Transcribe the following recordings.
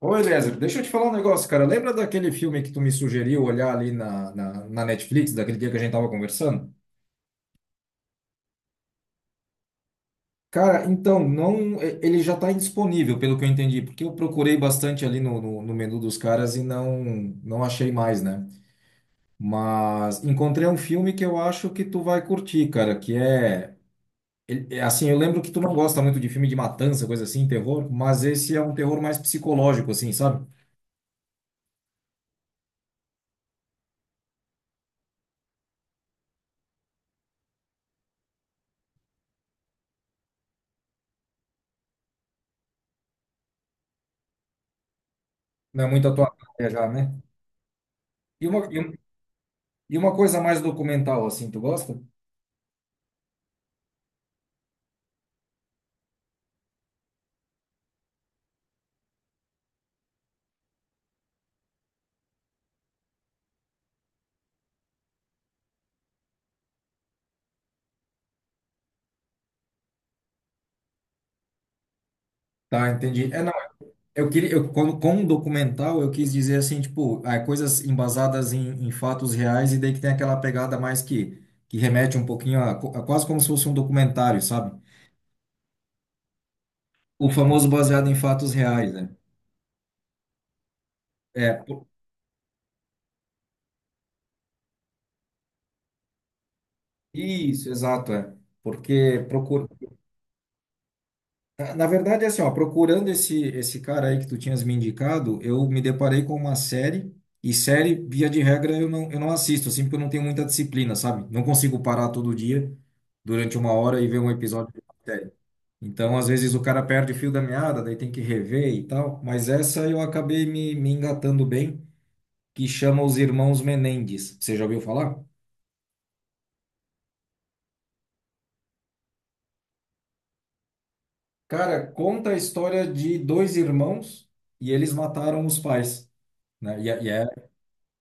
Ô, Eliezer, deixa eu te falar um negócio, cara. Lembra daquele filme que tu me sugeriu olhar ali na Netflix, daquele dia que a gente tava conversando? Cara, então, não, ele já tá indisponível, pelo que eu entendi, porque eu procurei bastante ali no menu dos caras e não achei mais, né? Mas encontrei um filme que eu acho que tu vai curtir, cara, que é, é assim, eu lembro que tu não gosta muito de filme de matança, coisa assim, terror, mas esse é um terror mais psicológico, assim, sabe? Não é muito a tua praia já, né? E uma, um- E uma coisa mais documental, assim, tu gosta? Tá, entendi. É, não, quando, com documental, eu quis dizer, assim, tipo, ah, coisas embasadas em fatos reais e daí que tem aquela pegada mais que remete um pouquinho a quase como se fosse um documentário, sabe? O famoso baseado em fatos reais, né? É, isso, exato, é. Porque Na verdade, assim, ó, procurando esse cara aí que tu tinhas me indicado, eu me deparei com uma série, e série, via de regra, eu não assisto, assim, porque eu não tenho muita disciplina, sabe? Não consigo parar todo dia, durante uma hora, e ver um episódio de uma série. Então, às vezes, o cara perde o fio da meada, daí tem que rever e tal, mas essa eu acabei me engatando bem, que chama Os Irmãos Menendez. Você já ouviu falar? Cara, conta a história de dois irmãos, e eles mataram os pais, né?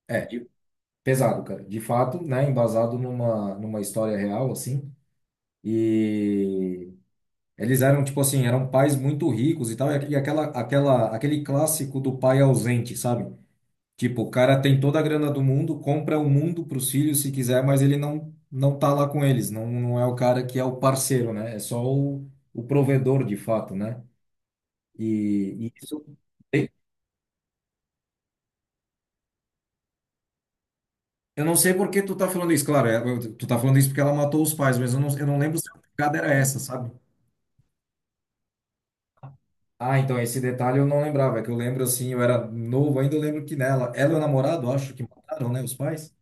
é, Pesado, cara. De fato, né? Embasado numa história real, assim. E eles eram, tipo assim, eram pais muito ricos e tal. E aquele clássico do pai ausente, sabe? Tipo, o cara tem toda a grana do mundo, compra o mundo pros filhos se quiser, mas ele não tá lá com eles. Não, não é o cara que é o parceiro, né? É só o provedor, de fato, né? E isso. Eu não sei por que tu tá falando isso, claro. Tu tá falando isso porque ela matou os pais, mas eu não lembro se a pegada era essa, sabe? Ah, então esse detalhe eu não lembrava, é que eu lembro assim, eu era novo ainda, eu lembro que nela, ela e o namorado, acho que mataram, né, os pais?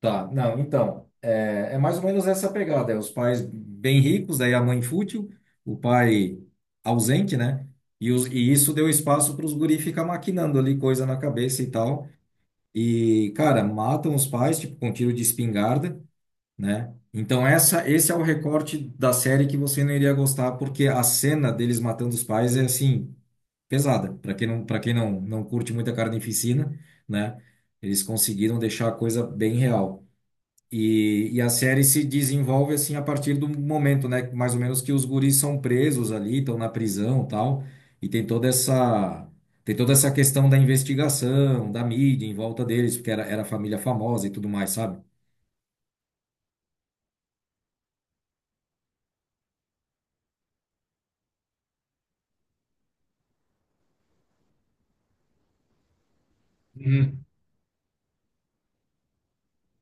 Tá, não, então, é mais ou menos essa pegada, é os pais bem ricos, aí a mãe fútil, o pai ausente, né? E isso deu espaço para os guri ficar maquinando ali coisa na cabeça e tal. E, cara, matam os pais, tipo, com tiro de espingarda, né? Então esse é o recorte da série que você não iria gostar, porque a cena deles matando os pais é assim pesada. Para quem não curte muita carnificina, né? Eles conseguiram deixar a coisa bem real. E a série se desenvolve assim a partir do momento, né? Mais ou menos que os guris são presos ali, estão na prisão, tal, e tem toda essa questão da investigação, da mídia em volta deles, porque era família famosa e tudo mais, sabe? Uhum.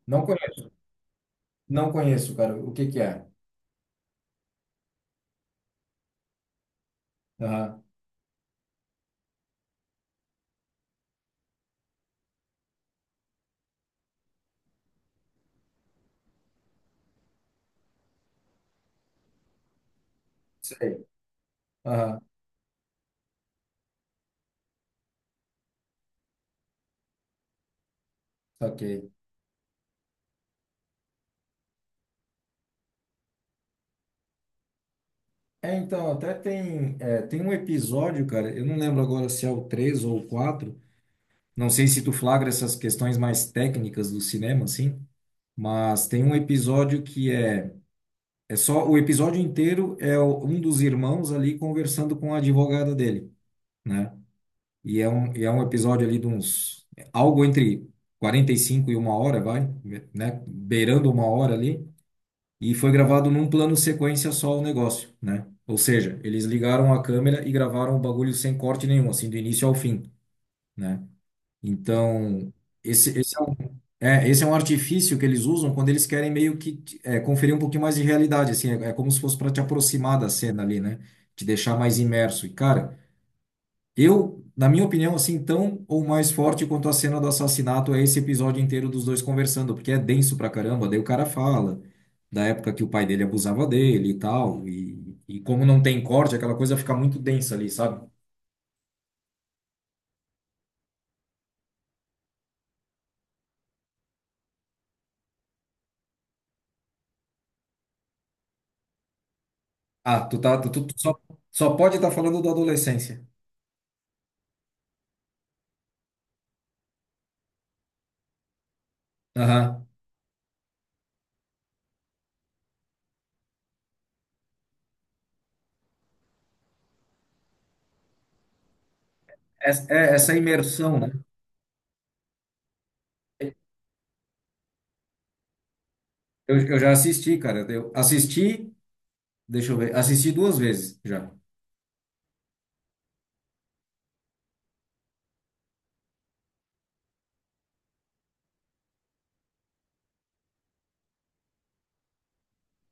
Não conheço, não conheço, cara. O que que é? Aham, sei. Aham, ok. É, então, até tem um episódio, cara, eu não lembro agora se é o 3 ou o 4. Não sei se tu flagra essas questões mais técnicas do cinema, assim, mas tem um episódio que é, é só, o episódio inteiro é um dos irmãos ali conversando com a advogada dele, né? E é um episódio ali algo entre 45 e uma hora, vai, né? Beirando uma hora ali e foi gravado num plano sequência só o negócio, né? Ou seja, eles ligaram a câmera e gravaram o bagulho sem corte nenhum, assim, do início ao fim, né? Então, esse é um artifício que eles usam quando eles querem meio que conferir um pouquinho mais de realidade, assim, é como se fosse para te aproximar da cena ali, né? Te deixar mais imerso. E, cara, eu, na minha opinião, assim, tão ou mais forte quanto a cena do assassinato é esse episódio inteiro dos dois conversando, porque é denso pra caramba. Daí o cara fala da época que o pai dele abusava dele e tal, e como não tem corte, aquela coisa fica muito densa ali, sabe? Ah, tu tá, tu, tu- tu só, só pode estar falando da adolescência. Aham. Essa imersão, né? Eu já assisti, cara. Eu assisti, deixa eu ver, assisti duas vezes já.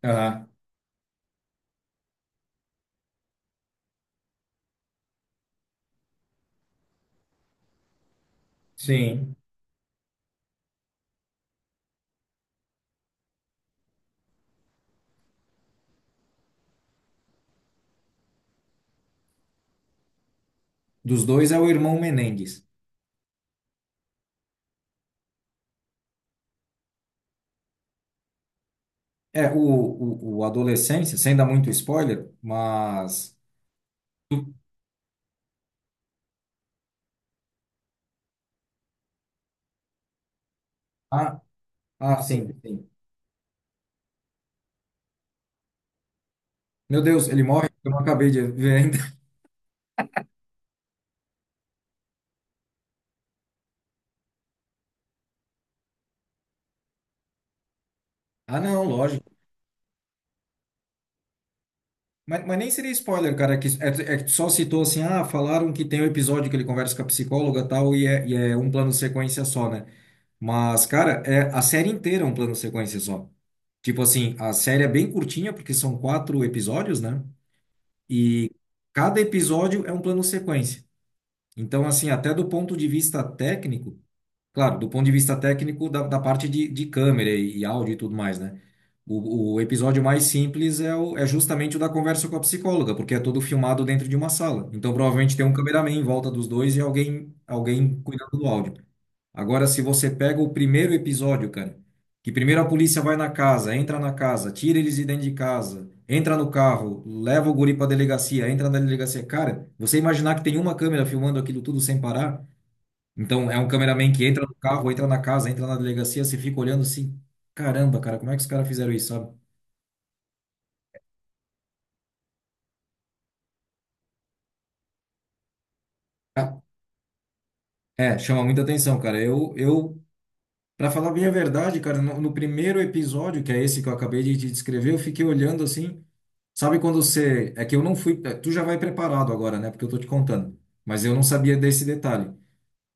Aham. Sim. Dos dois é o irmão Menendez. É, o Adolescência, sem dar muito spoiler, mas. Ah, ah, sim, sim. Meu Deus, ele morre? Eu não acabei de ver ainda. Ah, não, lógico. Mas nem seria spoiler, cara, que é que só citou assim, ah, falaram que tem um episódio que ele conversa com a psicóloga e tal, e é um plano sequência só, né? Mas, cara, a série inteira é um plano sequência só. Tipo assim, a série é bem curtinha, porque são quatro episódios, né? E cada episódio é um plano sequência. Então, assim, até do ponto de vista técnico, claro, do ponto de vista técnico da parte de câmera e, áudio e tudo mais, né? O episódio mais simples é justamente o da conversa com a psicóloga, porque é todo filmado dentro de uma sala. Então, provavelmente tem um cameraman em volta dos dois e alguém cuidando do áudio. Agora, se você pega o primeiro episódio, cara, que primeiro a polícia vai na casa, entra na casa, tira eles de dentro de casa, entra no carro, leva o guri pra delegacia, entra na delegacia. Cara, você imaginar que tem uma câmera filmando aquilo tudo sem parar? Então, é um cameraman que entra no carro, entra na casa, entra na delegacia, você fica olhando assim, caramba, cara, como é que os caras fizeram isso, sabe? Ah, é, chama muita atenção, cara. Para falar bem a verdade, cara, no primeiro episódio, que é esse que eu acabei de te descrever, eu fiquei olhando assim. Sabe quando você. É que eu não fui. Tu já vai preparado agora, né? Porque eu tô te contando. Mas eu não sabia desse detalhe.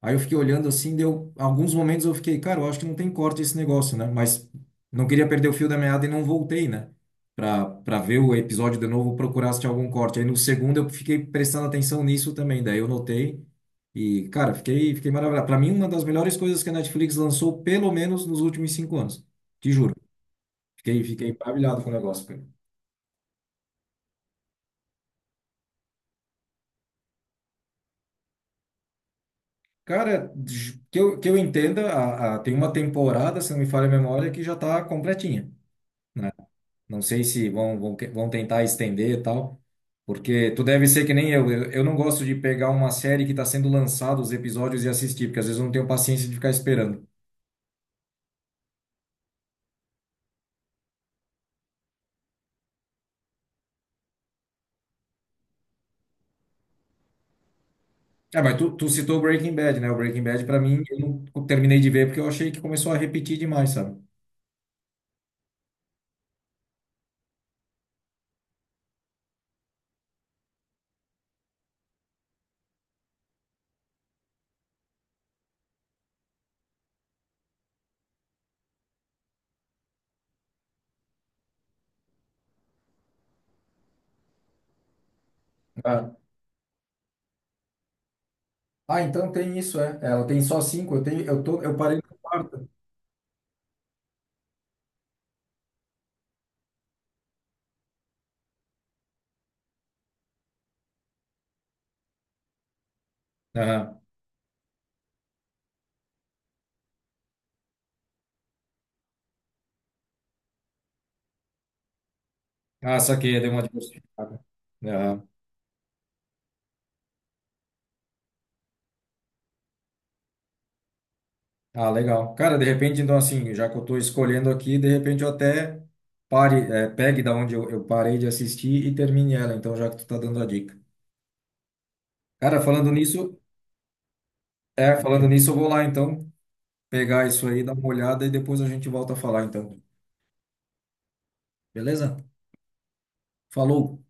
Aí eu fiquei olhando assim, deu. Alguns momentos eu fiquei, cara, eu acho que não tem corte esse negócio, né? Mas não queria perder o fio da meada e não voltei, né? Pra ver o episódio de novo, procurar se tinha algum corte. Aí no segundo eu fiquei prestando atenção nisso também. Daí eu notei. E, cara, fiquei maravilhado. Pra mim, uma das melhores coisas que a Netflix lançou, pelo menos nos últimos 5 anos. Te juro. Fiquei maravilhado com o negócio, cara. Cara, que eu entenda, tem uma temporada, se não me falha a memória, que já está completinha, né? Não sei se vão tentar estender e tal, porque tu deve ser que nem eu, eu não gosto de pegar uma série que está sendo lançada, os episódios e assistir, porque às vezes eu não tenho paciência de ficar esperando. Ah, mas tu citou Breaking Bad, né? O Breaking Bad, pra mim, eu não terminei de ver porque eu achei que começou a repetir demais, sabe? Ah, Ah, então tem isso, é. Ela tem só cinco, eu tenho, eu tô, eu parei na quarta. Ah, saquei, deu uma diversificada. Aham. Ah, legal. Cara, de repente, então, assim, já que eu estou escolhendo aqui, de repente eu até pegue da onde eu parei de assistir e termine ela, então, já que tu tá dando a dica. Cara, falando nisso, eu vou lá, então, pegar isso aí, dar uma olhada e depois a gente volta a falar, então. Beleza? Falou!